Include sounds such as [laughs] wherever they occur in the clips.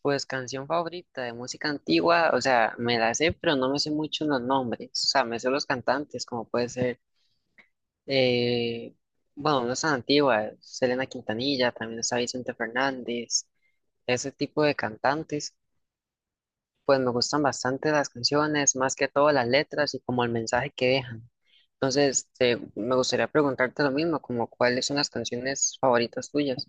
Pues canción favorita de música antigua, o sea, me la sé, pero no me sé mucho los nombres, o sea, me sé los cantantes, como puede ser, eh, bueno, no es tan antigua, Selena Quintanilla, también está Vicente Fernández, ese tipo de cantantes, pues me gustan bastante las canciones, más que todo las letras y como el mensaje que dejan. Entonces, este, me gustaría preguntarte lo mismo, como cuáles son las canciones favoritas tuyas.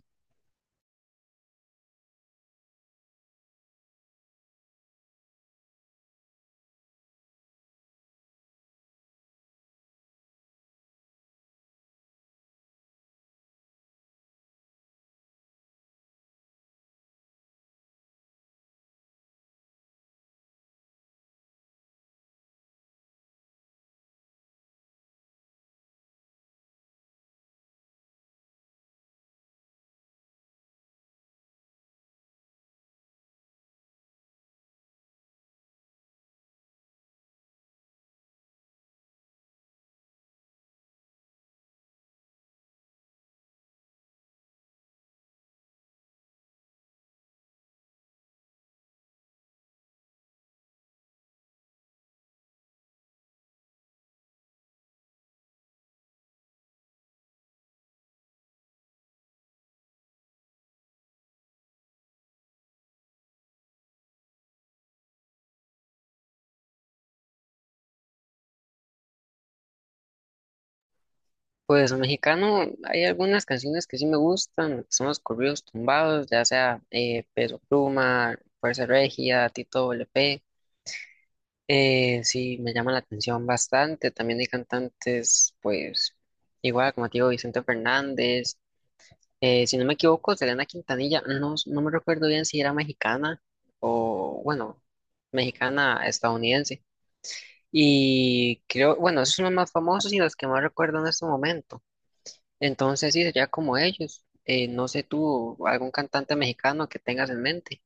Pues mexicano, hay algunas canciones que sí me gustan, son los corridos tumbados, ya sea Peso Pluma, Fuerza Regia, Tito LP, sí me llama la atención bastante, también hay cantantes, pues igual como te digo, Vicente Fernández, si no me equivoco, Selena Quintanilla, no, no me recuerdo bien si era mexicana o bueno, mexicana estadounidense, y creo, bueno, esos son los más famosos y los que más recuerdo en este momento. Entonces sí, sería como ellos. No sé tú, algún cantante mexicano que tengas en mente.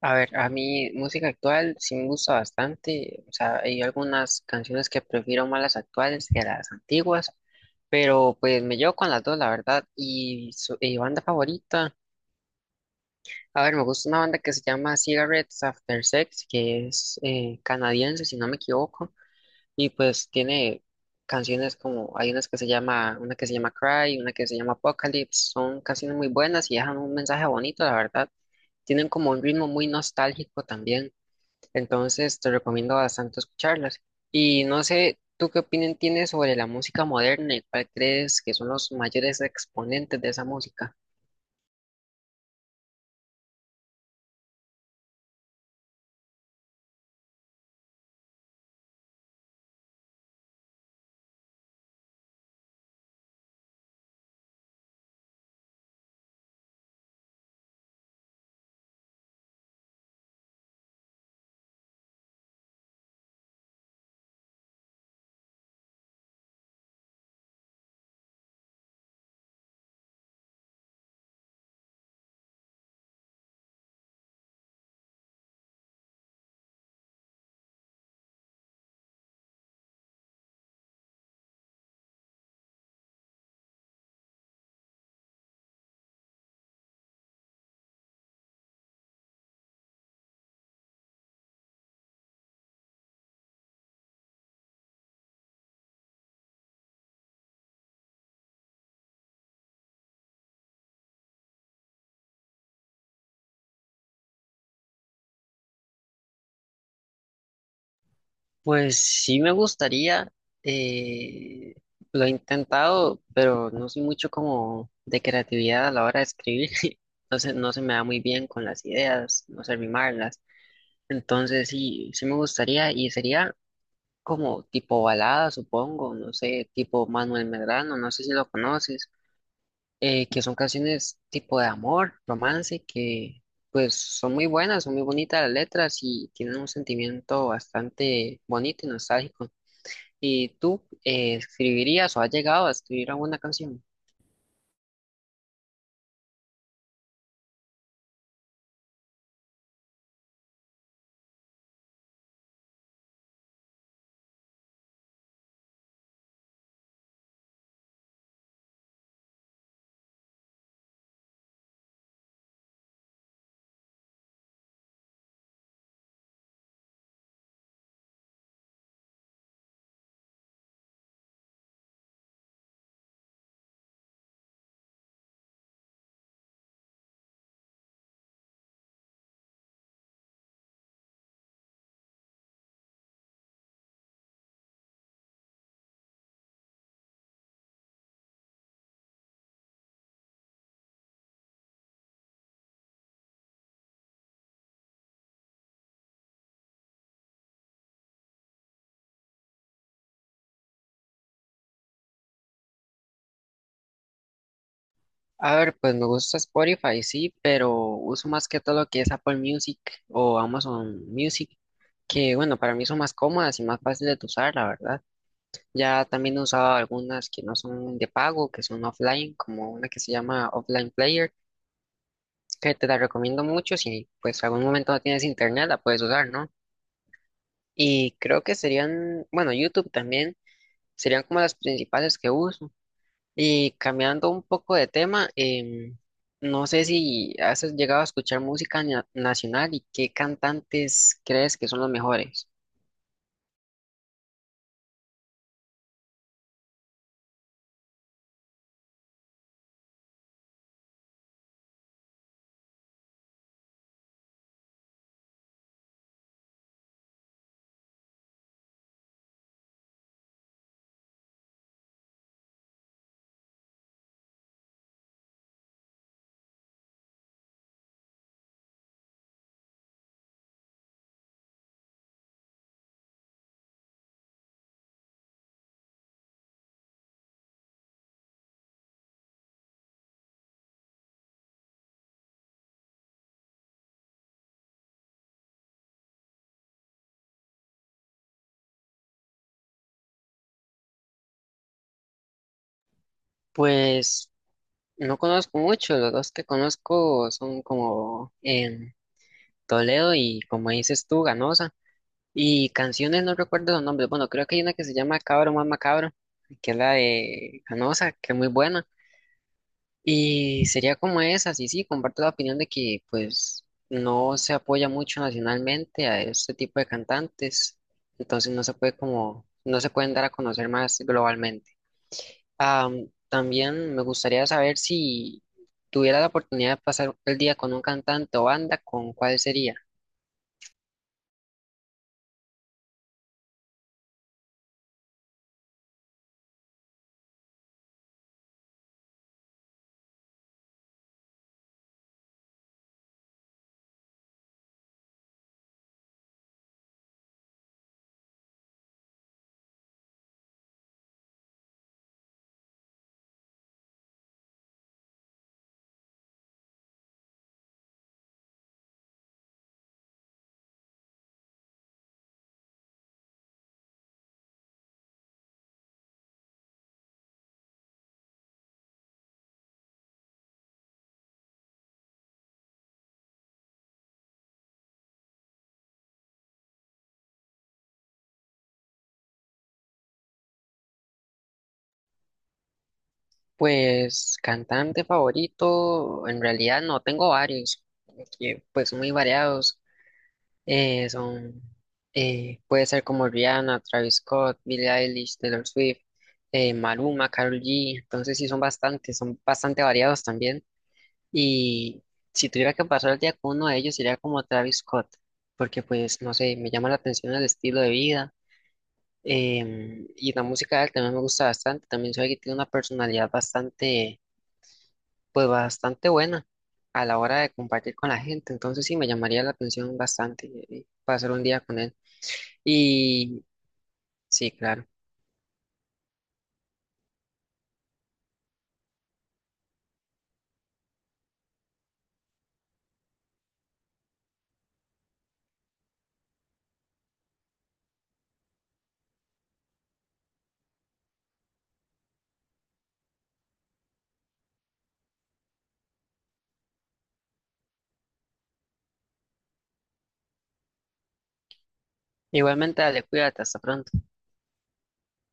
A ver, a mí música actual sí me gusta bastante. O sea, hay algunas canciones que prefiero más las actuales que las antiguas, pero pues me llevo con las dos, la verdad. Y, su, y banda favorita, a ver, me gusta una banda que se llama Cigarettes After Sex, que es canadiense, si no me equivoco. Y pues tiene canciones como, hay unas que se llama, una que se llama Cry, una que se llama Apocalypse, son canciones muy buenas y dejan un mensaje bonito, la verdad. Tienen como un ritmo muy nostálgico también, entonces te recomiendo bastante escucharlas. Y no sé, ¿tú qué opinión tienes sobre la música moderna y cuál crees que son los mayores exponentes de esa música? Pues sí me gustaría, eh, lo he intentado, pero no soy mucho como de creatividad a la hora de escribir, [laughs] entonces no se me da muy bien con las ideas, no sé rimarlas, entonces sí, sí me gustaría y sería como tipo balada, supongo, no sé, tipo Manuel Medrano, no sé si lo conoces, que son canciones tipo de amor, romance, que pues son muy buenas, son muy bonitas las letras y tienen un sentimiento bastante bonito y nostálgico. ¿Y tú escribirías o has llegado a escribir alguna canción? A ver, pues me gusta Spotify, sí, pero uso más que todo lo que es Apple Music o Amazon Music, que bueno, para mí son más cómodas y más fáciles de usar, la verdad. Ya también he usado algunas que no son de pago, que son offline, como una que se llama Offline Player, que te la recomiendo mucho si pues algún momento no tienes internet, la puedes usar, ¿no? Y creo que serían, bueno, YouTube también, serían como las principales que uso. Y cambiando un poco de tema, no sé si has llegado a escuchar música nacional y qué cantantes crees que son los mejores. Pues no conozco mucho, los dos que conozco son como en Toledo y como dices tú, Ganosa. Y canciones no recuerdo los nombres, bueno, creo que hay una que se llama Cabro más Macabro, que es la de Ganosa, que es muy buena. Y sería como esa. Sí, sí, comparto la opinión de que pues no se apoya mucho nacionalmente a este tipo de cantantes, entonces no se puede como, no se pueden dar a conocer más globalmente. También me gustaría saber si tuviera la oportunidad de pasar el día con un cantante o banda, ¿con cuál sería? Pues cantante favorito, en realidad no tengo varios, que pues son muy variados. Son, puede ser como Rihanna, Travis Scott, Billie Eilish, Taylor Swift, Maluma, Karol G. Entonces sí son bastantes, son bastante variados también. Y si tuviera que pasar el día con uno de ellos sería como Travis Scott, porque pues no sé, me llama la atención el estilo de vida. Y la música de él también me gusta bastante. También sabe que tiene una personalidad bastante, pues bastante buena a la hora de compartir con la gente. Entonces sí me llamaría la atención bastante pasar un día con él. Y sí, claro. Igualmente, dale, cuídate, hasta pronto.